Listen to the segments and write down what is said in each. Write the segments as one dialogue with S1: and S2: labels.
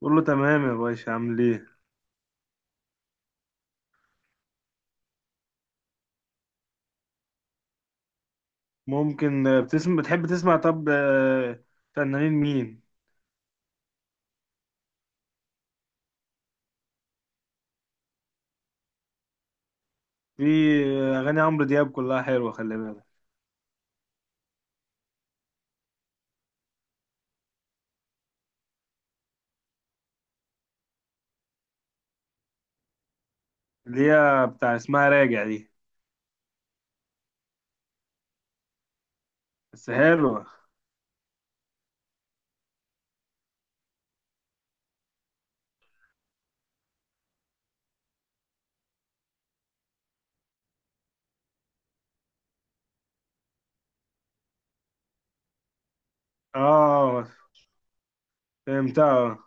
S1: بقول له تمام يا باشا عامل ايه. ممكن بتحب تسمع؟ طب فنانين مين؟ في اغاني عمرو دياب كلها حلوه، خلي بالك اللي هي بتاع اسمها راجع دي. بس حلوه. اه، فهمتها.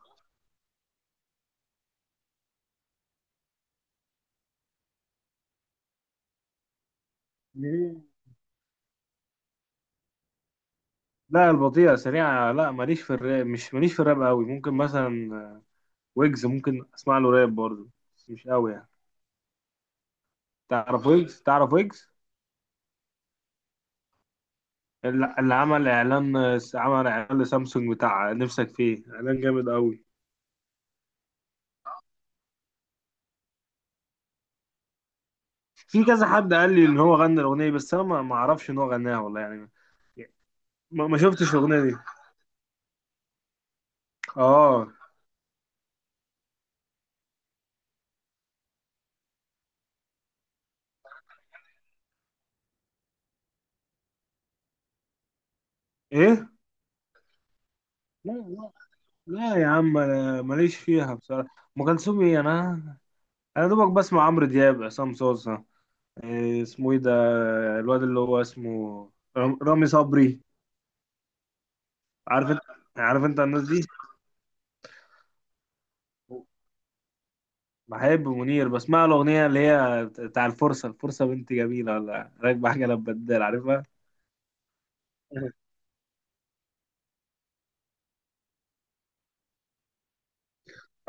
S1: مين؟ لا، البطيئه سريعه، لا ماليش في الراب، مش ماليش في الراب قوي. ممكن مثلا ويجز ممكن اسمع له راب برضه، بس مش قوي يعني. تعرف ويجز؟ تعرف ويجز اللي عمل اعلان، عمل اعلان لسامسونج بتاع نفسك، فيه اعلان جامد قوي. في كذا حد قال لي ان هو غنى الاغنيه، بس انا ما اعرفش ان هو غناها والله يعني. ما شفتش الاغنيه دي. اه. ايه؟ لا لا. لا يا عم انا ماليش فيها بصراحه. ام كلثوم ايه؟ انا انا دوبك بسمع عمرو دياب، عصام صوصه. إيه اسمه ايه ده؟ الواد اللي هو اسمه رامي صبري. عارف انت؟ عارف انت الناس دي؟ بحب منير، بسمع له اغنيه اللي هي بتاع الفرصه، الفرصه بنت جميله ولا راكبه حاجه لبدال، عارفها؟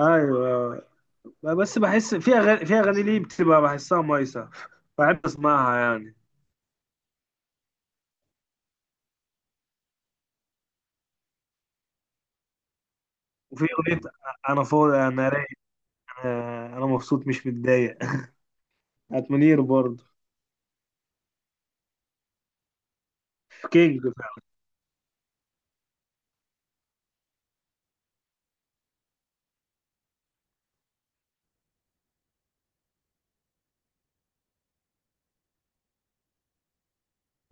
S1: ايوه. بس بحس في اغاني، في اغاني ليه بتبقى بحسها مايسه، بحب اسمعها يعني. وفي اغنيه انا فاضي انا رايق، انا مبسوط مش متضايق. بتاعت منير برضه. كينج فعلا.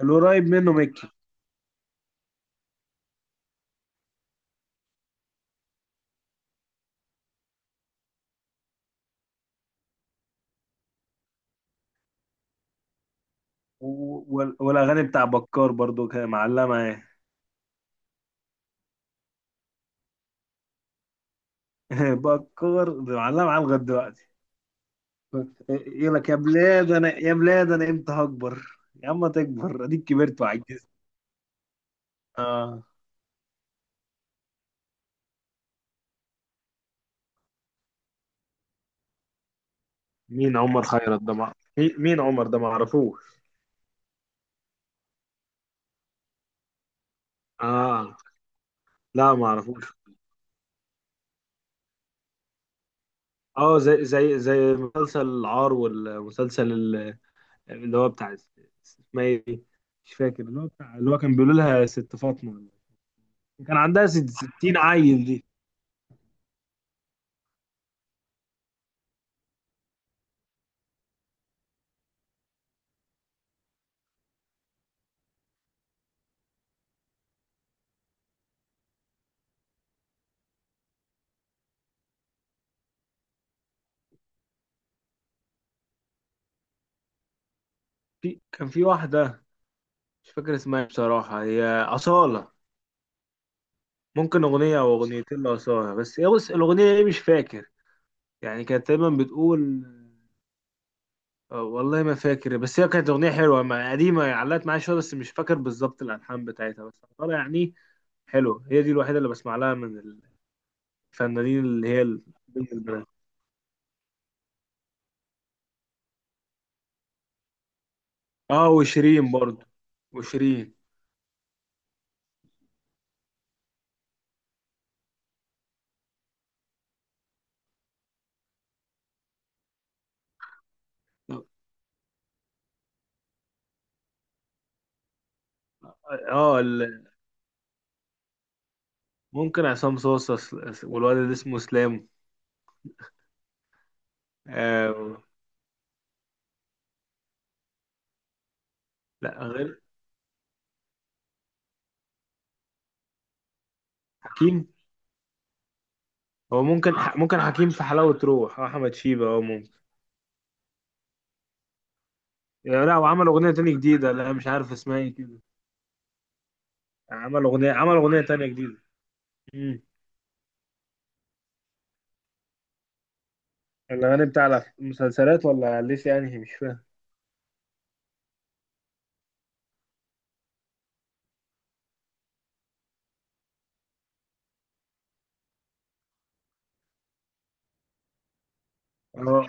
S1: القريب منه ميكي. والاغاني بتاع بكار برضه كان معلمه معايا. بكار معلمه معايا لغايه دلوقتي. يقول لك يا بلاد انا، يا بلاد انا امتى هكبر. يا عم تكبر اديك كبرت وعجزت. اه. مين عمر خيرت ده مين عمر ده؟ ما اعرفوش. اه. لا ما اعرفوش. اه زي زي مسلسل العار، والمسلسل اللي هو اسمها ايه دي؟ مش فاكر، اللي هو بتاع اللي هو كان بيقولوا لها ست فاطمة، كان عندها 60 عيل دي. في كان في واحدة مش فاكر اسمها ايه بصراحة، هي أصالة. ممكن أغنية أو أغنيتين لأصالة، بس هي بص الأغنية إيه مش فاكر، يعني كانت دايما بتقول والله ما فاكر، بس هي كانت أغنية حلوة قديمة، علقت معايا شوية، بس مش فاكر بالظبط الألحان بتاعتها، بس أصالة يعني حلو. هي دي الوحيدة اللي بسمع لها من الفنانين اللي هي البنات. اه وشيرين برضه. وشيرين. اه. ممكن عصام صاصا، والواد اللي اسمه اسلام. آه. لا غير حكيم. هو ممكن، ممكن حكيم في حلاوة روح، احمد شيبة اه ممكن. لا لا، وعمل اغنية تانية جديدة، لا مش عارف اسمها ايه كده. عمل اغنية، عمل اغنية تانية جديدة. امم الاغاني بتاع المسلسلات ولا ليسي يعني مش فاهم. اه.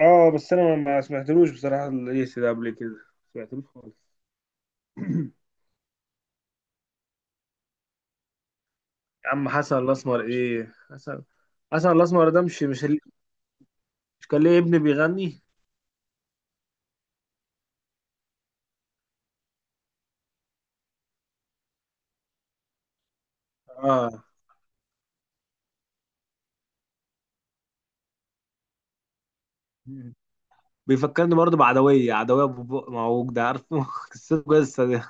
S1: اه بس انا ما سمعتلوش بصراحة، ليسي ده قبل كده ما سمعتلوش خالص. يا عم حسن الاسمر، ايه حسن؟ حسن الاسمر ده مش مش كان ليه ابن بيغني؟ اه. بيفكرني برضه بعدوية، عدوية أبو بق معوج ده، عارفه؟ قصته قصة دي.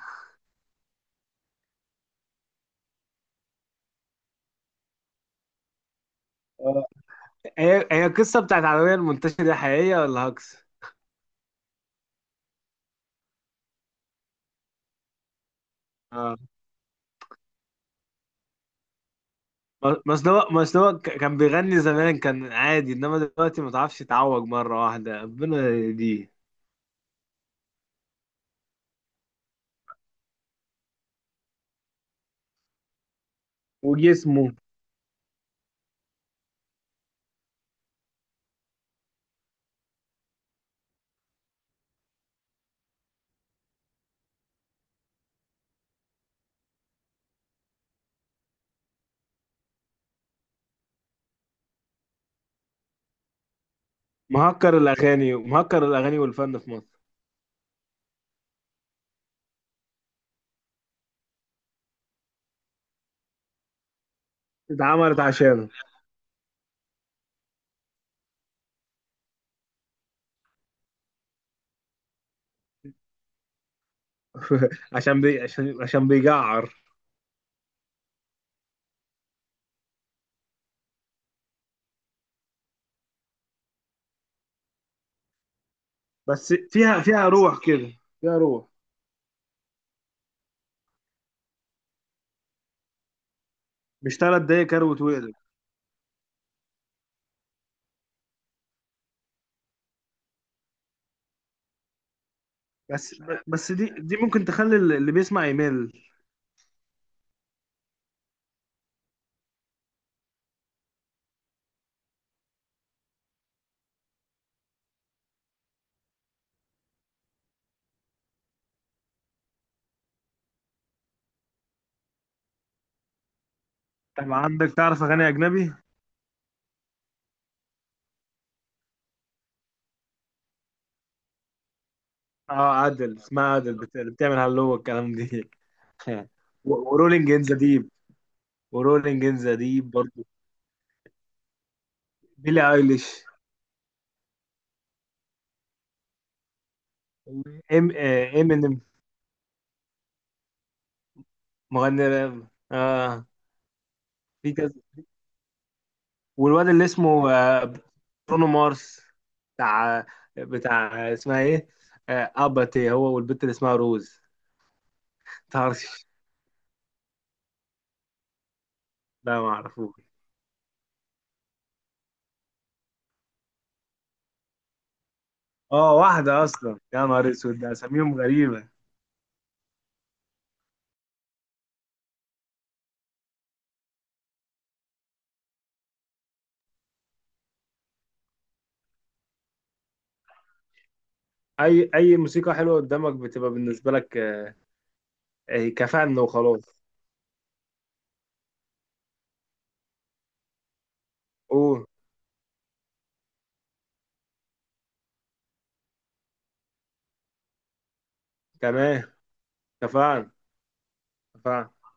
S1: اه. هي هي القصة بتاعت عدوية المنتشرة دي حقيقية ولا هكس؟ اه. مصنوع، مصنوع كان بيغني زمان كان عادي، إنما دلوقتي ما تعرفش، يتعوج مرة واحدة ربنا دي. وجسمه. مهكر الأغاني، مهكر الأغاني والفن في مصر. اتعملت عشانه. عشان بيجعر. بس فيها، فيها روح كده، فيها روح. مش ثلاث دقايق كروت وقلب. بس، بس دي ممكن تخلي اللي بيسمع يمل. طب عندك تعرف اغاني اجنبي؟ اه عادل، اسمها عادل، بتعمل هلو والكلام دي. ورولينج ان ذا ديب، ورولينج ان ذا ديب برضه. بيلي ايليش. ام آه، امينيم. مغني راب اه. في كذا. والواد اللي اسمه برونو مارس، بتاع، بتاع اسمها ايه اباتي، هو والبنت اللي اسمها روز. طرش. لا ما اعرفوش. اه واحدة أصلا يا نهار أسود ده، أساميهم غريبة. أي موسيقى حلوة قدامك بتبقى بالنسبة لك إيه، كفن وخلاص. أوه. تمام. كفن. كفن.